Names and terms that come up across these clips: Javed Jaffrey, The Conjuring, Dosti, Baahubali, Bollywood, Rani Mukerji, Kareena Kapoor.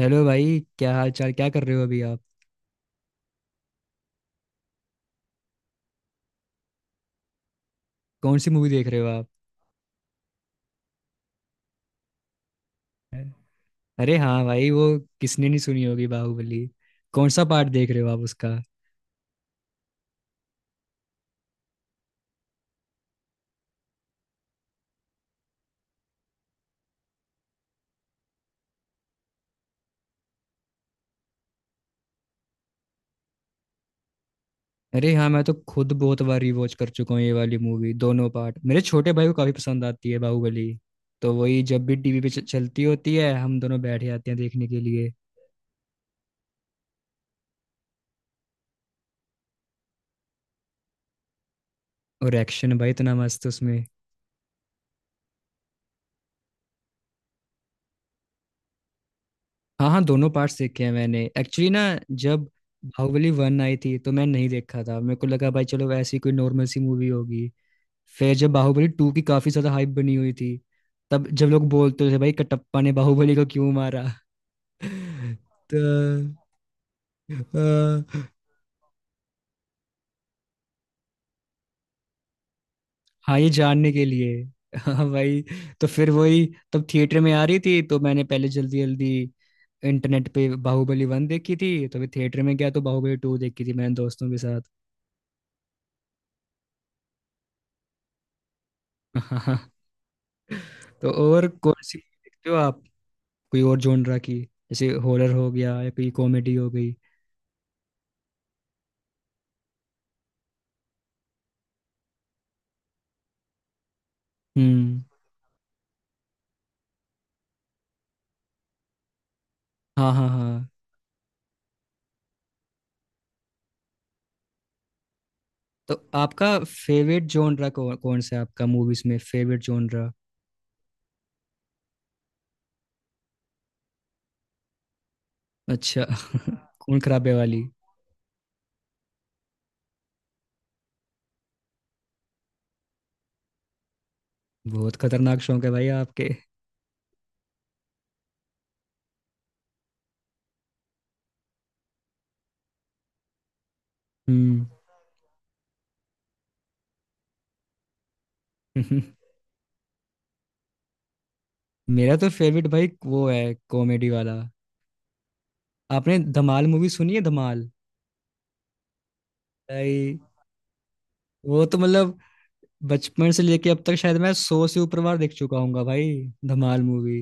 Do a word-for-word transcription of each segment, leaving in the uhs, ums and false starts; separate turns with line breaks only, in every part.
Hello भाई, क्या हाल चाल? क्या कर रहे हो अभी आप? कौन सी मूवी देख रहे हो आप? अरे हाँ भाई, वो किसने नहीं सुनी होगी बाहुबली। कौन सा पार्ट देख रहे हो आप उसका? अरे हाँ, मैं तो खुद बहुत बार रिवॉच कर चुका हूँ ये वाली मूवी। दोनों पार्ट मेरे छोटे भाई को काफी पसंद आती है बाहुबली। तो वही, जब भी टीवी पे च- चलती होती है हम दोनों बैठ जाते हैं देखने के लिए। और एक्शन भाई इतना मस्त उसमें। हाँ हाँ, दोनों पार्ट्स देखे हैं मैंने एक्चुअली ना। जब बाहुबली वन आई थी तो मैं नहीं देखा था। मेरे को लगा भाई चलो ऐसी कोई नॉर्मल सी मूवी होगी। फिर जब बाहुबली टू की काफी ज्यादा हाइप बनी हुई थी, तब जब लोग बोलते थे भाई कटप्पा ने बाहुबली को क्यों मारा। तो अ, हाँ ये जानने के लिए। हाँ भाई, तो फिर वही, तब थिएटर में आ रही थी तो मैंने पहले जल्दी जल्दी इंटरनेट पे बाहुबली वन देखी थी। तो फिर थिएटर में गया तो बाहुबली टू देखी थी मैंने दोस्तों के साथ। हाँ, तो और कौन सी देखते हो आप? कोई और जॉनरा की, जैसे हॉरर हो गया या कोई कॉमेडी हो गई? हम्म। हाँ हाँ हाँ। तो आपका फेवरेट जॉनरा कौन कौन सा है आपका, मूवीज में फेवरेट जॉनरा? अच्छा, खून खराबे वाली। बहुत खतरनाक शौक है भाई आपके। हम्म। मेरा तो फेवरेट भाई वो है कॉमेडी वाला। आपने धमाल मूवी सुनी है, धमाल? भाई वो तो मतलब बचपन से लेके अब तक शायद मैं सौ से ऊपर बार देख चुका हूँ भाई, धमाल मूवी।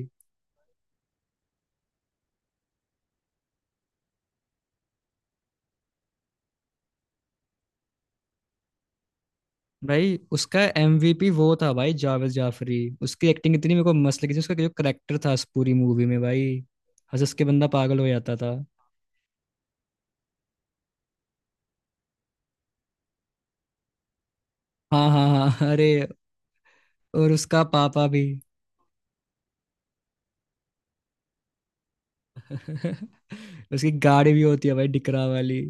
भाई उसका एम वी पी वो था भाई जावेद जाफरी। उसकी एक्टिंग इतनी मेरे को मस्त लगी थी। उसका जो करेक्टर था उस पूरी मूवी में भाई, हंस हंस के बंदा पागल हो जाता था। हाँ हाँ हाँ, अरे, और उसका पापा भी। उसकी गाड़ी भी होती है भाई डिकरा वाली।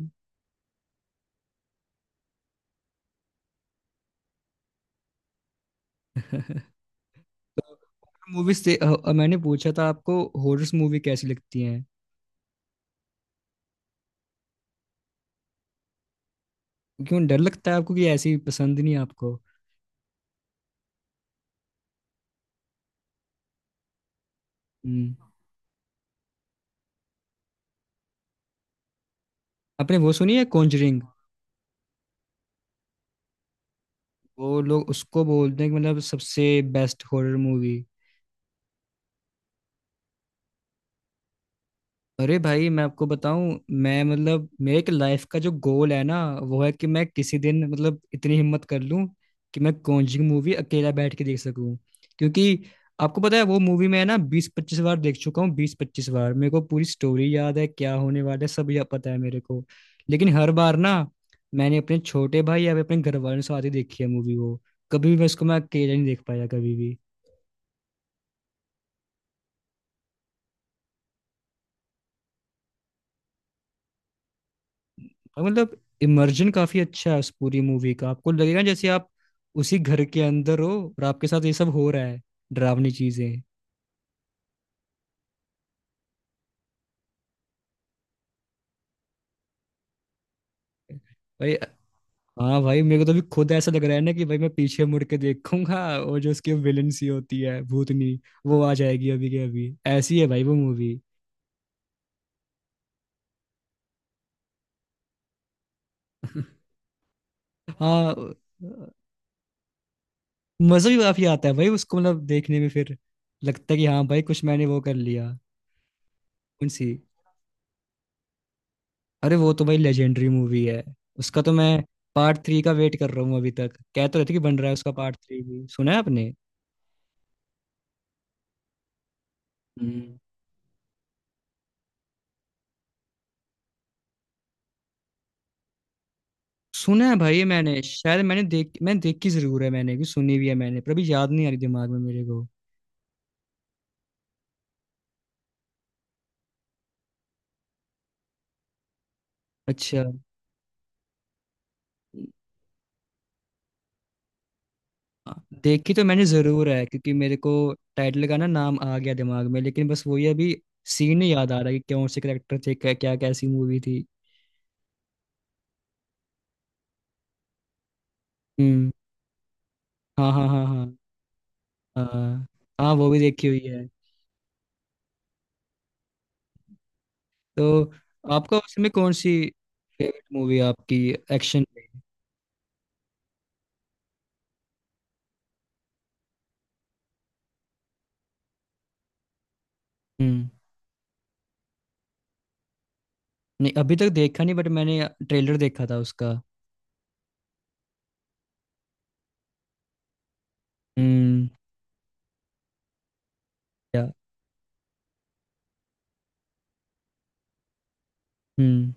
तो मूवीज से अ, मैंने पूछा था आपको, हॉरर्स मूवी कैसी लगती हैं? क्यों, डर लगता है आपको कि ऐसी पसंद नहीं है आपको? हम्म। आपने वो सुनी है कॉन्जरिंग? वो लोग उसको बोलते हैं कि मतलब सबसे बेस्ट हॉरर मूवी। अरे भाई, मैं आपको बताऊं, मैं मतलब मेरे एक लाइफ का जो गोल है ना, वो है कि मैं किसी दिन मतलब इतनी हिम्मत कर लूं कि मैं कॉन्जरिंग मूवी अकेला बैठ के देख सकूं। क्योंकि आपको पता है वो मूवी मैं ना बीस पच्चीस बार देख चुका हूँ। बीस पच्चीस बार, मेरे को पूरी स्टोरी याद है, क्या होने वाला है सब याद पता है मेरे को। लेकिन हर बार ना मैंने अपने छोटे भाई या फिर अपने घर वालों के साथ ही देखी है मूवी वो। कभी भी मैं उसको मैं अकेला नहीं देख पाया कभी। और मतलब इमर्जन काफी अच्छा है उस पूरी मूवी का। आपको लगेगा जैसे आप उसी घर के अंदर हो, और आपके साथ ये सब हो रहा है, डरावनी चीजें। भाई, हाँ भाई, मेरे को तो भी खुद ऐसा लग रहा है ना कि भाई मैं पीछे मुड़ के देखूंगा और जो उसकी विलन सी होती है भूतनी, वो आ जाएगी अभी के अभी। ऐसी है भाई वो मूवी। हाँ, मजा भी काफी आता है भाई उसको मतलब देखने में। फिर लगता है कि हाँ भाई कुछ मैंने वो कर लिया। कौन सी? अरे वो तो भाई लेजेंडरी मूवी है। उसका तो मैं पार्ट थ्री का वेट कर रहा हूँ। अभी तक कह तो रहे थे कि बन रहा है उसका पार्ट थ्री भी, सुना है आपने? हम्म। सुना है भाई ये, मैंने शायद मैंने देख मैंने देखी जरूर है, मैंने भी सुनी भी है मैंने, पर अभी याद नहीं आ रही दिमाग में मेरे को। अच्छा, देखी तो मैंने जरूर है क्योंकि मेरे को टाइटल का ना नाम आ गया दिमाग में, लेकिन बस वही अभी सीन नहीं याद आ रहा कि कौन से करेक्टर थे, क्या क्या, कैसी मूवी थी। हम्म। हाँ हाँ हाँ हाँ। हाँ। हाँ वो भी देखी हुई है। तो आपका उसमें कौन सी फेवरेट मूवी आपकी, एक्शन में? हम्म। नहीं, अभी तक देखा नहीं, बट मैंने ट्रेलर देखा था उसका। हम्म। क्या? हम्म।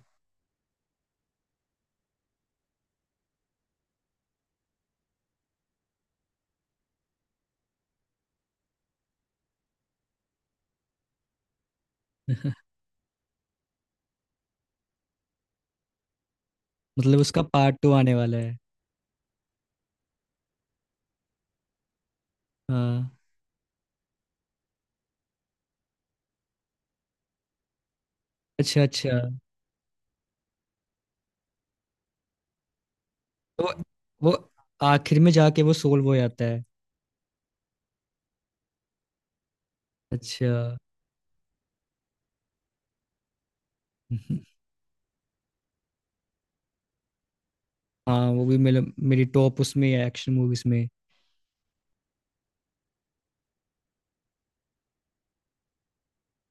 मतलब उसका पार्ट टू आने वाला है? हाँ, अच्छा अच्छा। तो वो आखिर में जाके वो सोल्व हो जाता है। अच्छा। हाँ, वो भी मेरे मेरी टॉप उसमें है, एक्शन मूवीज में।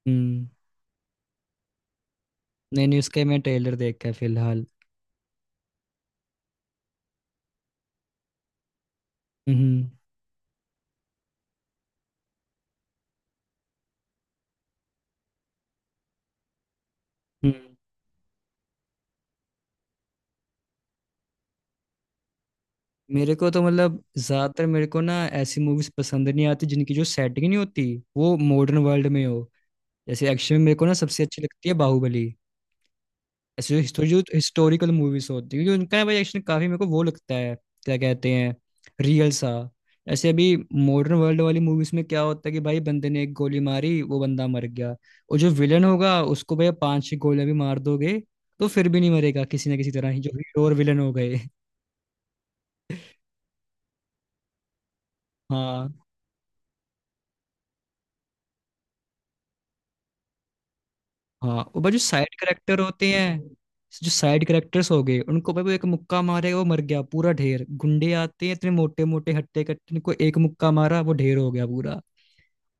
हम्म। नहीं नहीं, उसका मैं ट्रेलर देखा है फिलहाल। हम्म। हम्म, मेरे को तो मतलब ज्यादातर मेरे को ना ऐसी मूवीज पसंद नहीं आती जिनकी जो सेटिंग नहीं होती वो मॉडर्न वर्ल्ड में हो। जैसे एक्शन में मेरे को ना सबसे अच्छी लगती है बाहुबली। ऐसे जो हिस्टोरी जो हिस्टोरिकल मूवीज होती है, क्योंकि उनका ना भाई एक्शन काफी मेरे को वो लगता है, क्या कहते हैं, रियल सा। ऐसे अभी मॉडर्न वर्ल्ड वाली मूवीज में क्या होता है कि भाई बंदे ने एक गोली मारी वो बंदा मर गया, और जो विलन होगा उसको भाई पांच छह गोलियां भी मार दोगे तो फिर भी नहीं मरेगा, किसी ना किसी तरह ही जो हीरो और विलन हो गए। हाँ हाँ, और भाई जो साइड करेक्टर होते हैं जो साइड करेक्टर्स हो गए, उनको भाई वो एक मुक्का मारेगा वो मर गया। पूरा ढेर गुंडे आते हैं, इतने मोटे मोटे हट्टे कट्टे, इनको एक मुक्का मारा वो ढेर हो गया पूरा।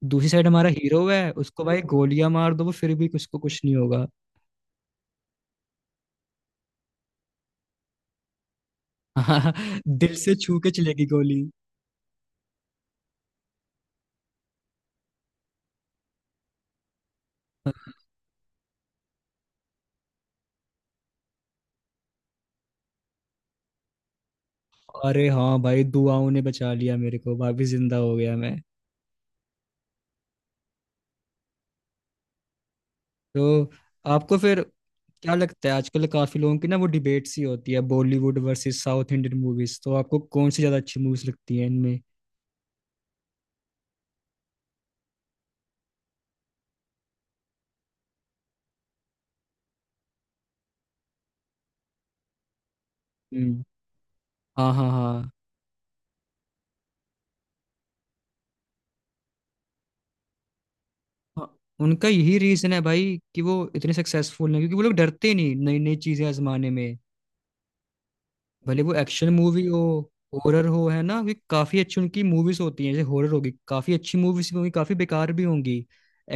दूसरी साइड हमारा हीरो है, उसको भाई गोलियां मार दो वो फिर भी उसको कुछ नहीं होगा। हाँ, दिल से छू के चलेगी गोली। अरे हाँ भाई, दुआओं ने बचा लिया मेरे को, वापिस जिंदा हो गया मैं। तो आपको फिर क्या लगता है, आजकल काफी लोगों की ना वो डिबेट सी होती है, Bollywood versus south Indian movies, तो आपको कौन सी ज्यादा अच्छी मूवीज लगती है इनमें? हम्म। हाँ हाँ हाँ। हाँ, उनका यही रीजन है भाई कि वो इतने सक्सेसफुल हैं, क्योंकि वो लोग डरते नहीं नई नई चीजें आजमाने में। भले वो एक्शन मूवी हो, हॉरर हो, है ना, क्योंकि काफी अच्छी उनकी मूवीज होती हैं। जैसे हॉरर होगी, काफी अच्छी मूवीज भी होंगी, काफी बेकार भी होंगी।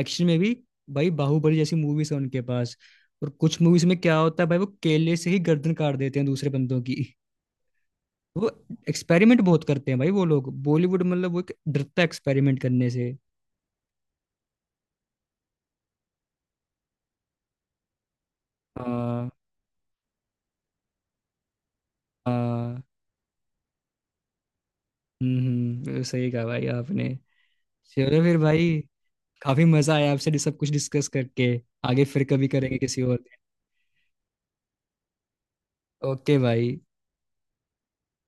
एक्शन में भी भाई बाहुबली जैसी मूवीज है उनके पास, और कुछ मूवीज में क्या होता है भाई, वो केले से ही गर्दन काट देते हैं दूसरे बंदों की। वो एक्सपेरिमेंट बहुत करते हैं भाई वो लोग। बॉलीवुड मतलब वो एक डरता है एक्सपेरिमेंट करने से। हाँ हाँ। हम्म। हम्म, सही कहा भाई आपने। चलो फिर भाई, काफी मजा आया आपसे ये सब कुछ डिस्कस करके। आगे फिर कभी करेंगे किसी और दिन। ओके भाई।